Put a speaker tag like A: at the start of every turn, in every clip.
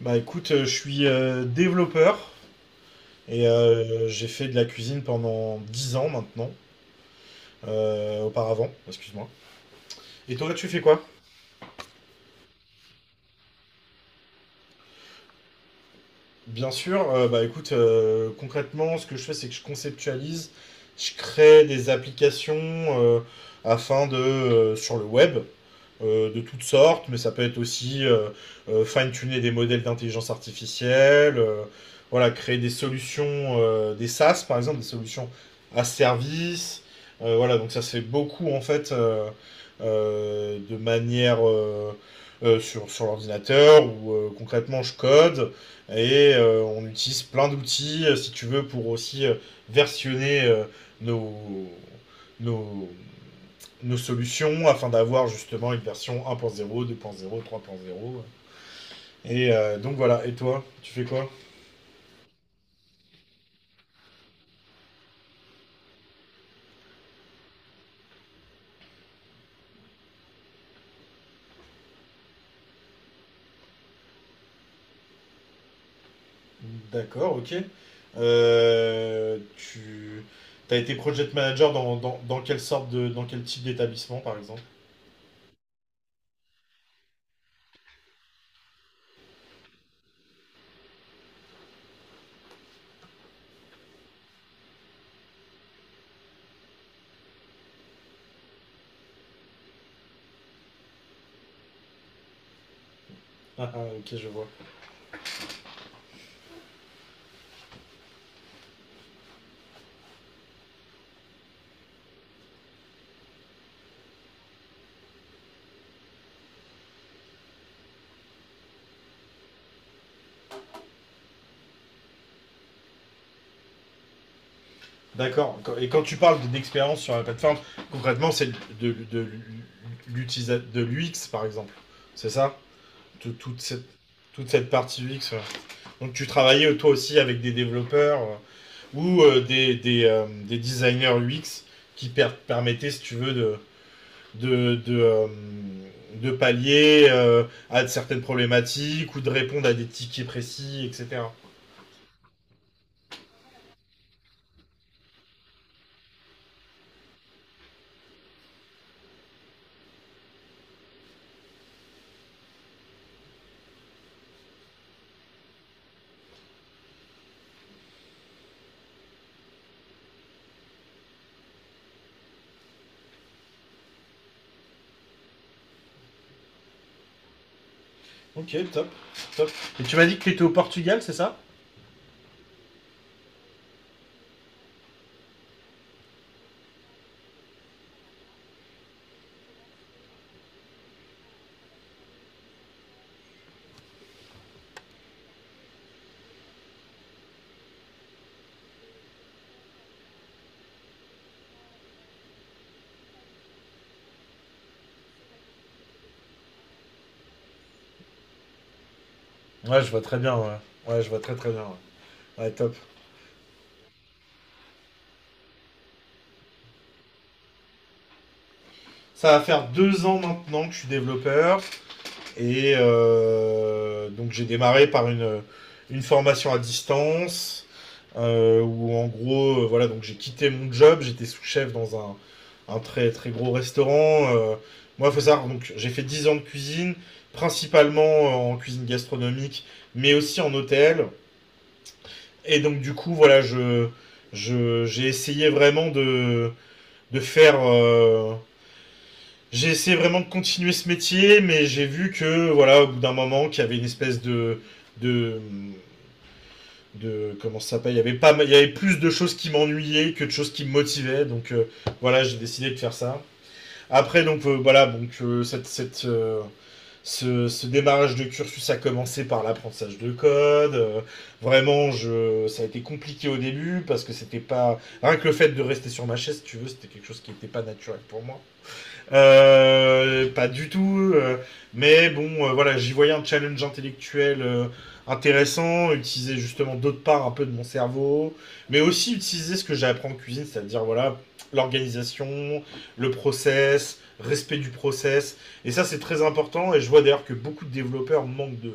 A: Bah écoute, je suis développeur et j'ai fait de la cuisine pendant 10 ans maintenant, auparavant, excuse-moi. Et toi, tu fais quoi? Bien sûr, bah écoute, concrètement, ce que je fais, c'est que je conceptualise, je crée des applications, afin de, sur le web, de toutes sortes, mais ça peut être aussi fine-tuner des modèles d'intelligence artificielle, voilà, créer des solutions, des SaaS par exemple, des solutions à service. Voilà, donc ça se fait beaucoup en fait, de manière, sur l'ordinateur où, concrètement, je code. Et on utilise plein d'outils, si tu veux, pour aussi versionner, nos, nos, nos solutions afin d'avoir justement une version 1.0, 2.0, 3.0. Et donc voilà, et toi, tu fais quoi? D'accord, ok. Tu as été project manager dans quelle sorte de, dans quel type d'établissement, par exemple? Ah, ah, ok, je vois. D'accord. Et quand tu parles d'expérience sur la plateforme, concrètement, c'est de l'UX, par exemple. C'est ça? Tout- toute, cette, Toute cette partie UX, ouais. Donc tu travaillais, toi aussi, avec des développeurs, ou des designers UX qui permettaient, si tu veux, de, de, euh, de pallier, à certaines problématiques, ou de répondre à des tickets précis, etc. Ok, top. Top. Et tu m'as dit que tu étais au Portugal, c'est ça? Ouais, je vois très bien, ouais. Ouais, je vois très très bien. Ouais, ouais, top. Ça va faire 2 ans maintenant que je suis développeur. Et donc j'ai démarré par une formation à distance, où en gros, voilà, donc j'ai quitté mon job. J'étais sous-chef dans un très très gros restaurant. Moi, faut savoir, donc j'ai fait 10 ans de cuisine, principalement en cuisine gastronomique, mais aussi en hôtel. Et donc du coup, voilà, j'ai essayé vraiment de faire. J'ai essayé vraiment de continuer ce métier, mais j'ai vu que, voilà, au bout d'un moment, qu'il y avait une espèce de... de de comment ça s'appelle, il y avait pas, il y avait plus de choses qui m'ennuyaient que de choses qui me motivaient, donc, voilà, j'ai décidé de faire ça. Après donc, voilà, donc, ce démarrage de cursus a commencé par l'apprentissage de code, vraiment, je ça a été compliqué au début parce que c'était pas rien que le fait de rester sur ma chaise, si tu veux, c'était quelque chose qui n'était pas naturel pour moi, pas du tout. Mais bon, voilà, j'y voyais un challenge intellectuel, intéressant, utiliser justement d'autre part un peu de mon cerveau, mais aussi utiliser ce que j'apprends en cuisine, c'est-à-dire voilà, l'organisation, le process, respect du process. Et ça, c'est très important. Et je vois d'ailleurs que beaucoup de développeurs manquent de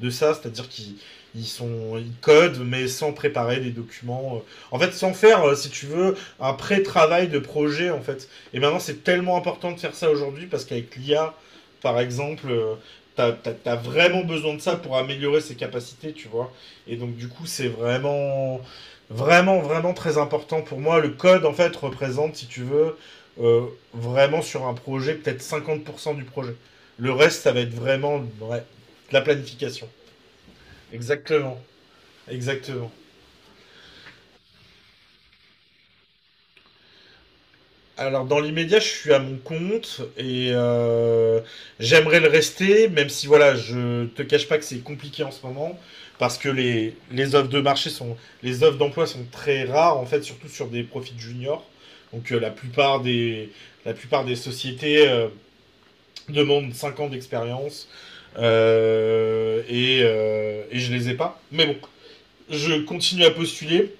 A: ça, c'est-à-dire qu'ils... ils codent, mais sans préparer des documents. En fait, sans faire, si tu veux, un pré-travail de projet, en fait. Et maintenant, c'est tellement important de faire ça aujourd'hui parce qu'avec l'IA, par exemple, t'as vraiment besoin de ça pour améliorer ses capacités, tu vois. Et donc, du coup, c'est vraiment, vraiment, vraiment très important pour moi. Le code, en fait, représente, si tu veux, euh, vraiment, sur un projet, peut-être 50% du projet. Le reste, ça va être vraiment, ouais, de la planification. Exactement. Exactement. Alors dans l'immédiat, je suis à mon compte, et j'aimerais le rester, même si voilà, je te cache pas que c'est compliqué en ce moment, parce que les offres d'emploi sont très rares en fait, surtout sur des profils juniors. Donc, la plupart des sociétés, demandent 5 ans d'expérience, et je les ai pas. Mais bon, je continue à postuler,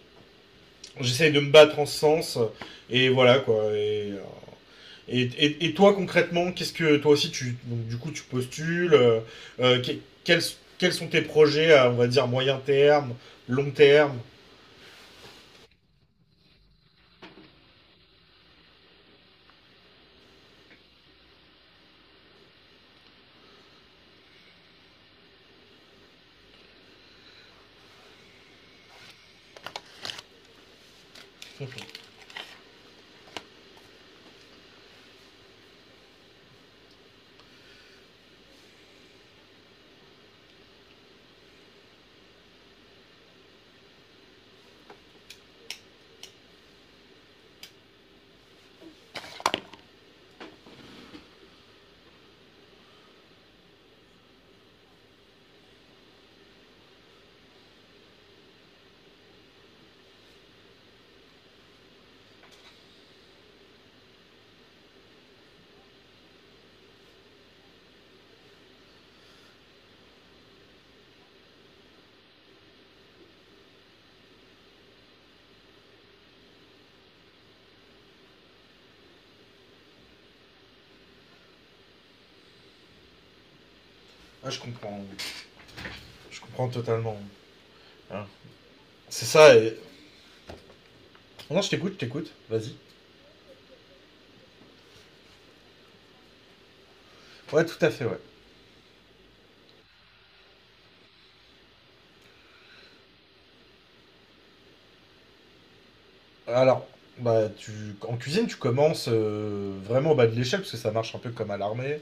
A: j'essaye de me battre en ce sens, et voilà quoi. Et toi, concrètement, qu'est-ce que toi aussi tu... donc du coup, tu postules, euh, que- quels, quels sont tes projets, à, on va dire, moyen terme, long terme? Ah je comprends totalement. Hein. C'est ça. Non, je t'écoute, je t'écoute. Vas-y. Ouais tout à fait, ouais. Alors bah, tu en cuisine, tu commences, vraiment au bas de l'échelle, parce que ça marche un peu comme à l'armée.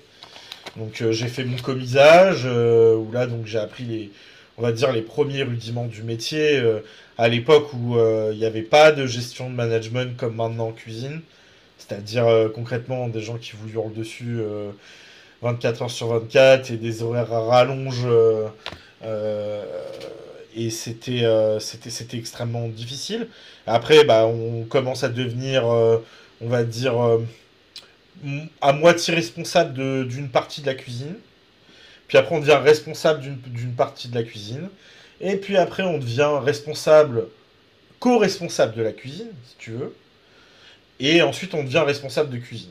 A: Donc, j'ai fait mon commisage, où là donc j'ai appris les, on va dire, les premiers rudiments du métier, à l'époque où il n'y avait pas de gestion de management comme maintenant en cuisine, c'est-à-dire, concrètement, des gens qui vous hurlent dessus, 24 heures sur 24, et des horaires à rallonge, euh, et c'était, c'était extrêmement difficile. Après bah, on commence à devenir, on va dire, à moitié responsable d'une partie de la cuisine. Puis après, on devient responsable d'une partie de la cuisine. Et puis après, on devient responsable, co-responsable de la cuisine, si tu veux. Et ensuite, on devient responsable de cuisine.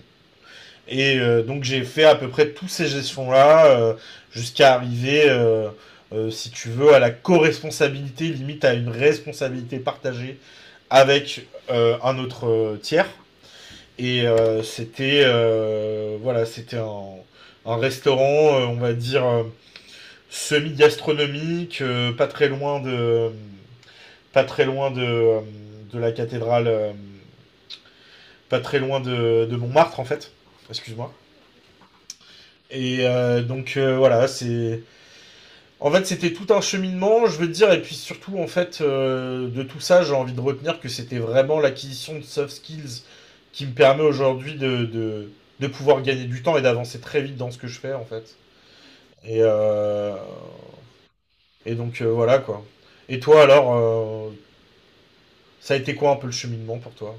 A: Et donc, j'ai fait à peu près tous ces gestions-là, jusqu'à arriver, si tu veux, à la co-responsabilité, limite à une responsabilité partagée avec, un autre, tiers. Et c'était, voilà, c'était un restaurant, on va dire, semi-gastronomique, pas très loin de la cathédrale, pas très loin de Montmartre en fait. Excuse-moi. Et donc, voilà, c'est... En fait, c'était tout un cheminement, je veux dire, et puis surtout, en fait, de tout ça, j'ai envie de retenir que c'était vraiment l'acquisition de soft skills qui me permet aujourd'hui de, de pouvoir gagner du temps et d'avancer très vite dans ce que je fais, en fait. Et, euh, et donc, voilà, quoi. Et toi, alors, ça a été quoi un peu le cheminement pour toi?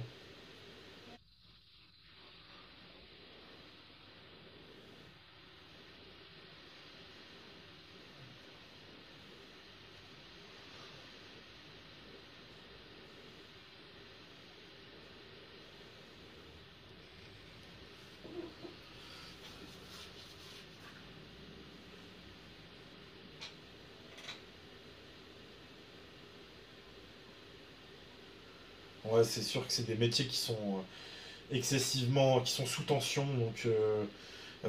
A: Ouais, c'est sûr que c'est des métiers qui sont, excessivement, qui sont sous tension. Donc,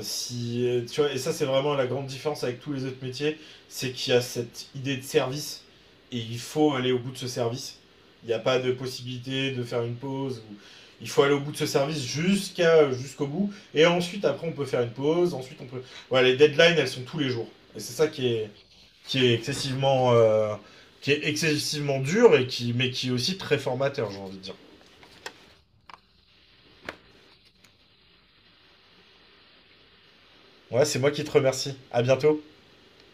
A: si tu vois, et ça c'est vraiment la grande différence avec tous les autres métiers, c'est qu'il y a cette idée de service, et il faut aller au bout de ce service. Il n'y a pas de possibilité de faire une pause. Ou... Il faut aller au bout de ce service, jusqu'à... jusqu'au bout. Et ensuite, après, on peut faire une pause. Ensuite, on peut. Ouais, les deadlines, elles sont tous les jours. Et c'est ça qui est excessivement, euh, qui est excessivement dur, mais qui est aussi très formateur, j'ai envie de dire. Ouais, c'est moi qui te remercie. À bientôt.